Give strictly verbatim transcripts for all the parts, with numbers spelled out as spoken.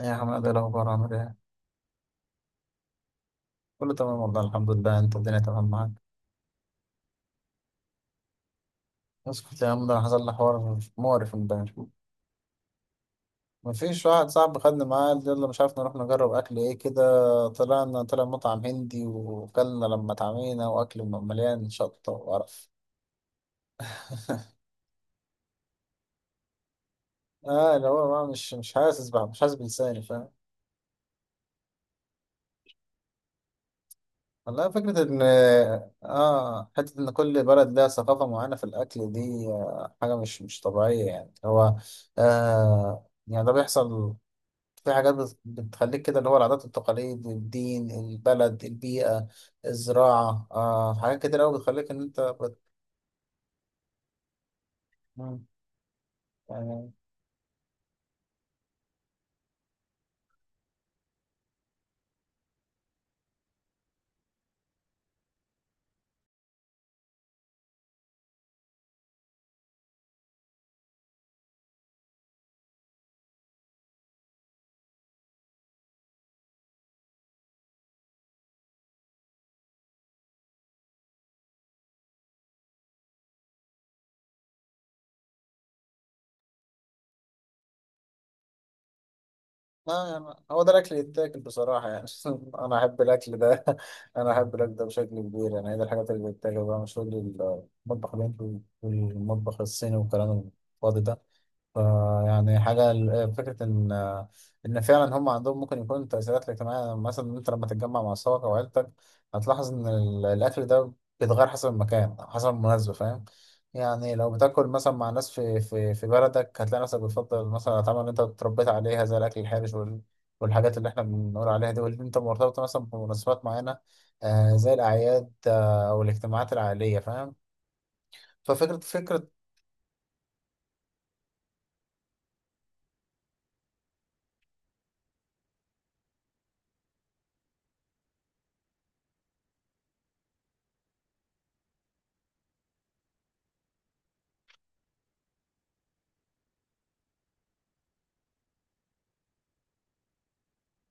إيه يا حماد، إيه الأخبار، عامل إيه؟ كله تمام والله، الحمد لله، أنت الدنيا تمام معاك. اسكت يا عم، ده حصل لي حوار مقرف امبارح. مفيش واحد صاحبي خدني معاه قال يلا مش عارف نروح نجرب أكل إيه كده. طلعنا طلع مطعم هندي، وكلنا لما اتعمينا، وأكل م- مليان شطة وقرف. آه اللي هو بقى مش مش حاسس، بقى مش حاسس بلساني، فاهم. والله، فكرة إن. آه حتة إن كل بلد لها ثقافة معينة في الأكل دي، آه، حاجة مش مش طبيعية، يعني هو. آه يعني ده بيحصل. في حاجات بت- بتخليك كده، اللي هو العادات والتقاليد، الدين، البلد، البيئة، الزراعة، آه حاجات كده أوي بتخليك إن أنت بت... مم. يعني. لا، يعني هو ده الأكل اللي يتاكل بصراحة يعني أنا أحب الأكل ده أنا أحب الأكل ده بشكل كبير، يعني هي دي الحاجات اللي بتتاكل بقى، مش كل المطبخ الهندي والمطبخ الصيني والكلام الفاضي ده. فيعني حاجة ال- آه، فكرة إن آه، إن فعلا هم عندهم ممكن يكون تأثيرات اجتماعية، يعني مثلا أنت لما تتجمع مع أصحابك أو عيلتك، هتلاحظ إن ال- الأكل ده بيتغير حسب المكان أو حسب المناسبة، فاهم. يعني لو بتاكل مثلا مع ناس في في في بلدك، هتلاقي نفسك بتفضل مثلا الأطعمة اللي أنت اتربيت عليها، زي الأكل الحرش وال- والحاجات اللي إحنا بنقول عليها دي، واللي أنت مرتبطة مثلا بمناسبات معينة، آه زي الأعياد، آه أو الاجتماعات العائلية، فاهم. ففكرة فكرة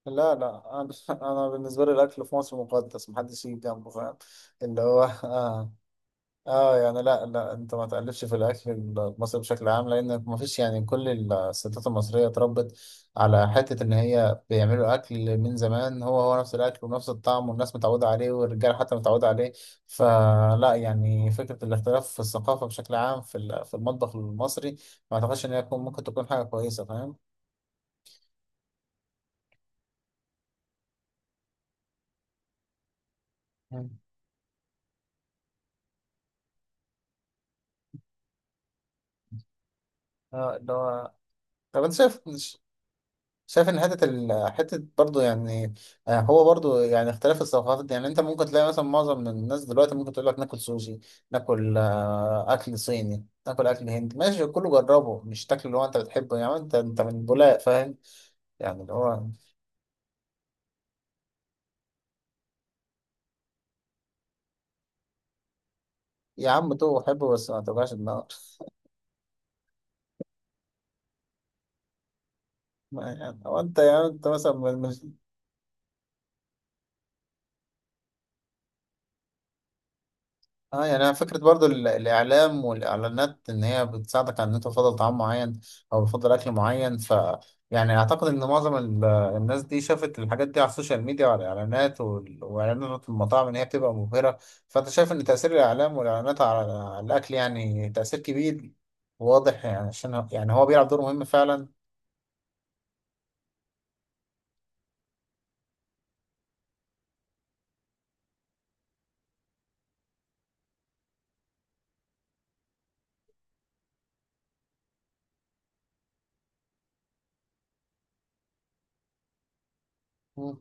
لا، لا، أنا أنا بالنسبة لي الأكل في مصر مقدس، محدش يجي جنبه، فاهم. اللي هو اه يعني، لا، لا، انت ما تقلبش في الاكل المصري بشكل عام، لان ما فيش، يعني، كل الستات المصريه اتربت على حته ان هي بيعملوا اكل من زمان، هو هو نفس الاكل ونفس الطعم، والناس متعوده عليه، والرجاله حتى متعوده عليه. فلا، يعني فكره الاختلاف في الثقافه بشكل عام في ال- في المطبخ المصري، ما اعتقدش ان هي تكون- ممكن تكون حاجه كويسه، فاهم. مم. اه، اللي هو، طب انت شايف شايف ان حته ال... حته برضه يعني، آه، هو برضه يعني اختلاف الثقافات دي. يعني انت ممكن تلاقي مثلا معظم من الناس دلوقتي ممكن تقول لك ناكل سوشي، ناكل آه، اكل صيني، ناكل اكل هندي، ماشي كله جربه، مش تاكل اللي هو انت بتحبه، يعني انت انت من بولاق، فاهم. يعني اللي هو، يا عم تو حبه بس ما توجعش دماغك. ما يعني هو انت، يعني انت مثلا من من اه يعني، انا فكره برضو ال- الاعلام والاعلانات ان هي بتساعدك على ان انت تفضل طعام معين، او بتفضل اكل معين ف يعني اعتقد ان معظم ال- الناس دي شافت الحاجات دي على السوشيال ميديا وعلى الاعلانات وال- واعلانات المطاعم، ان هي بتبقى مبهره. فانت شايف ان تاثير الاعلام والاعلانات على على الاكل يعني تاثير كبير واضح، يعني عشان هو- يعني هو بيلعب دور مهم فعلا. مم.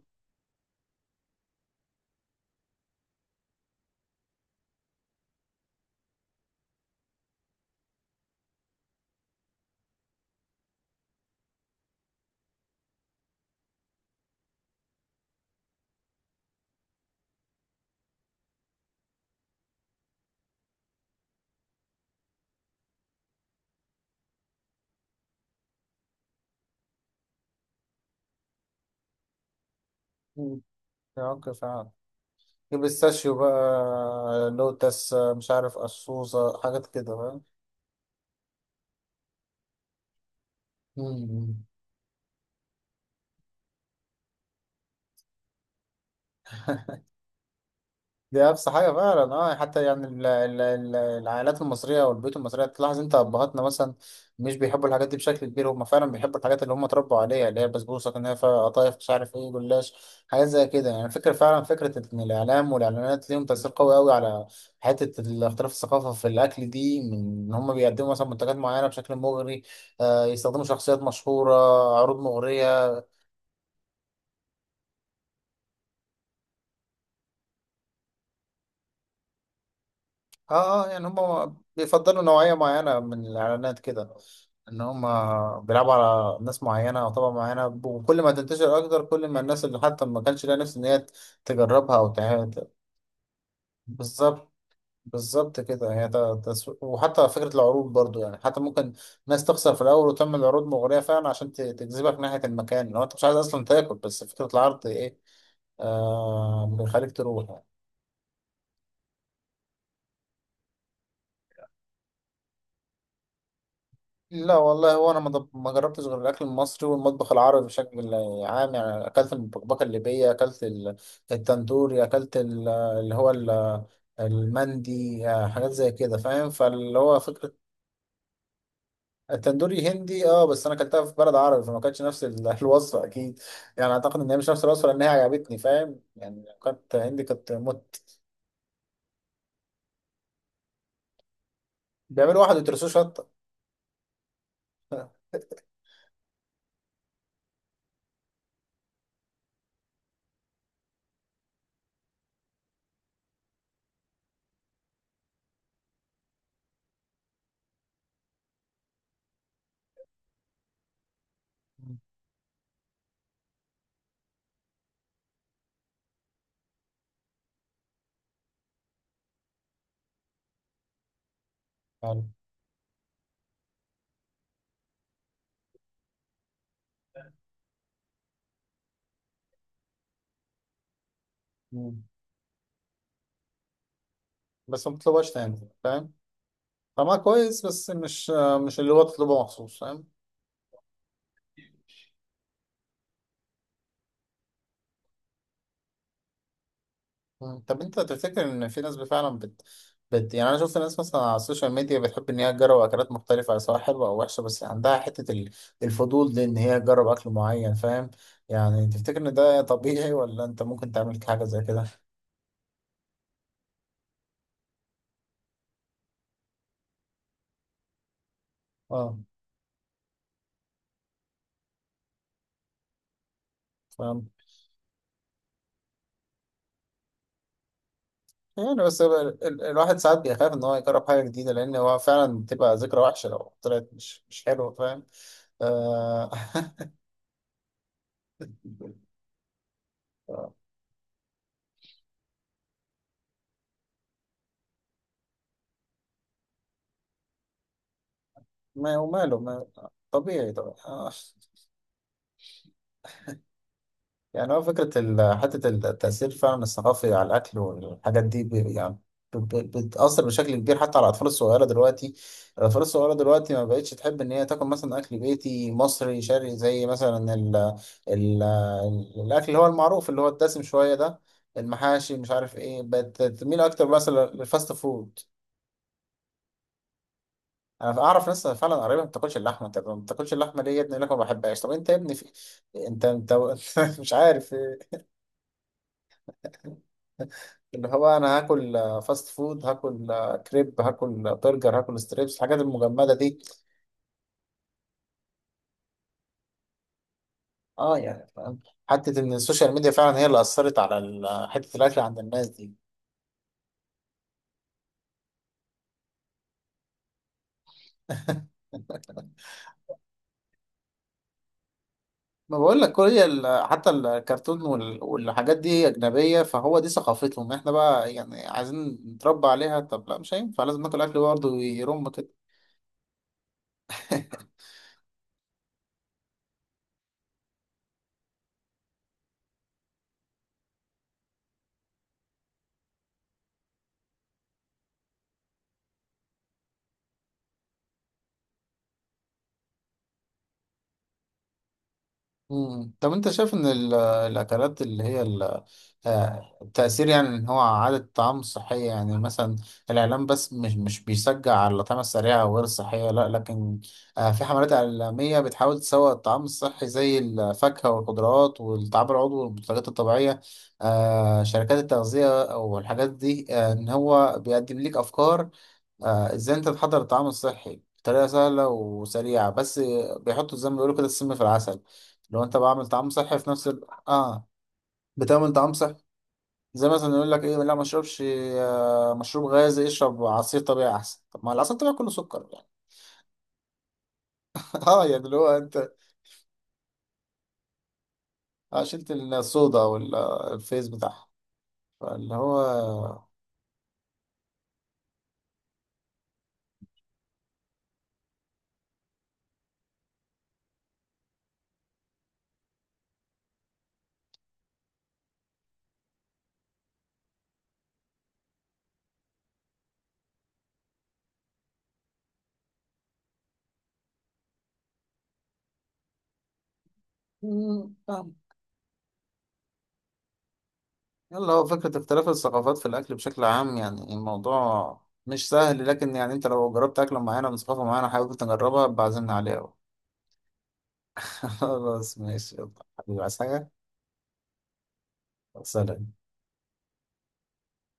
مم. اوكي، فعلا. البيستاشيو بقى، لوتس، مش عارف قصوصه، حاجات كده بقى. دي أبسط حاجة فعلا، اه يعني حتى يعني ال- ال- ال- العائلات المصرية والبيوت المصرية، تلاحظ انت أبهاتنا مثلا مش بيحبوا الحاجات دي بشكل كبير، هم فعلا بيحبوا الحاجات اللي هم اتربوا عليها، اللي هي البسبوسة، كنافة، قطايف، مش عارف ايه، جلاش، حاجات زي كده. يعني فكرة فعلا، فكرة إن الإعلام والإعلانات ليهم تأثير قوي أوي على حتة الاختلاف الثقافة في الأكل دي، من إن هم بيقدموا مثلا منتجات معينة بشكل مغري، آه، يستخدموا شخصيات مشهورة، عروض مغرية. اه اه، يعني هم بيفضلوا نوعية معينة من الإعلانات كده، إن هم بيلعبوا على ناس معينة أو طبقة معينة، وكل ما تنتشر أكتر، كل ما الناس اللي حتى ما كانش ليها نفس إن هي تجربها أو تع- بالظبط. بالظبط كده، هي ت- تسويق، وحتى فكرة العروض برضو يعني حتى ممكن ناس تخسر في الأول وتعمل عروض مغرية فعلا عشان ت- تجذبك ناحية المكان، لو أنت مش عايز أصلا تاكل، بس فكرة العرض إيه، آه بيخليك تروح يعني. لا والله، هو انا ما ضب- ما جربتش غير الاكل المصري والمطبخ العربي بشكل عام، يعني اكلت المبكبكه الليبيه، اكلت ال- التندوري، اكلت ال- اللي هو ال- المندي، حاجات زي كده، فاهم. فاللي هو فكره، التندوري هندي اه، بس انا اكلتها في بلد عربي، فما كانتش نفس ال- الوصفه اكيد. يعني اعتقد ان هي مش نفس الوصفه لان هي عجبتني، فاهم، يعني لو كانت هندي كانت مت بيعملوا واحد ويترسوه شطه، يعني. مم. بس ما بتطلبهاش تاني، فاهم. طعمها كويس، بس مش مش اللي هو تطلبه مخصوص، فاهم. مم. طب انت تفتكر ان في ناس فعلا بت... بت يعني، انا شفت ناس مثلا على السوشيال ميديا بتحب ان هي تجرب اكلات مختلفه، سواء حلوه او وحشه، بس عندها حته ال- الفضول، لان هي تجرب اكل معين، فاهم. يعني تفتكر ان ده طبيعي، ولا انت ممكن تعمل حاجه زي كده؟ اه، فاهم، يعني بس ال... ال... الواحد ساعات بيخاف ان هو يجرب حاجه جديده، لان هو فعلا بتبقى ذكرى وحشه لو طلعت مش مش حلوه، فاهم آه... ما وماله، طبيعي طبعا آه، يعني هو فكرة ال- حتة التأثير فعلا الثقافي على الأكل والحاجات دي، ب- يعني ب- ب- بتأثر بشكل كبير حتى على الأطفال الصغيرة دلوقتي الأطفال الصغيرة دلوقتي ما بقتش تحب إن هي تاكل مثلا أكل بيتي مصري شرقي، زي مثلا ال ال الأكل اللي هو المعروف، اللي هو الدسم شوية ده، المحاشي، مش عارف إيه، بقت تميل أكتر مثلا للفاست فود. أنا أعرف ناس فعلا قريبة ما بتاكلش اللحمة. طب ما بتاكلش اللحمة ليه يا ابني؟ يقول لك ما بحبهاش. طب أنت يا ابني في... أنت أنت مش عارف. اللي هو، انا هاكل آه، فاست فود، هاكل آه، كريب، هاكل آه، برجر، هاكل ستريبس، الحاجات المجمده دي. اه يعني، فاهم. حته ان السوشيال ميديا فعلا هي اللي اثرت على ال- حته الاكل عند الناس دي. ما بقول لك، كل هي ال- حتى الكرتون وال- والحاجات دي اجنبيه، فهو دي ثقافتهم، احنا بقى يعني عايزين نتربى عليها. طب لا، مش هينفع، لازم ناكل اكل برضه يرم كده. مم. طب انت شايف ان ال- الاكلات اللي هي ال- آه، التأثير، يعني ان هو عادة الطعام الصحية، يعني مثلا الاعلام بس مش مش بيشجع على الأطعمة السريعة وغير الصحية، لا لكن آه، في حملات إعلامية بتحاول تسوق الطعام الصحي زي الفاكهة والخضروات والطعام العضوي والمنتجات الطبيعية، آه، شركات التغذية والحاجات دي، آه، ان هو بيقدم لك افكار، آه، ازاي انت تحضر الطعام الصحي بطريقه سهله وسريعه، بس بيحطوا زي ما بيقولوا كده السم في العسل. لو انت بعمل طعام صحي في نفس ال... اه بتعمل طعام صحي، زي مثلا يقول لك ايه، لا ما اشربش آه مشروب غازي، اشرب عصير طبيعي احسن، طب ما العصير الطبيعي كله سكر يعني. اه يعني اللي هو انت، آه، شلت الصودا والفيس بتاعها، فاللي هو، يلا هو فكرة اختلاف الثقافات في الأكل بشكل عام، يعني الموضوع مش سهل، لكن يعني أنت لو جربت أكلة معينة من ثقافة معينة حابب تجربها، بعزمنا عليها بقى. خلاص، ماشي، يلا. حبيبي عايز حاجة؟ سلام.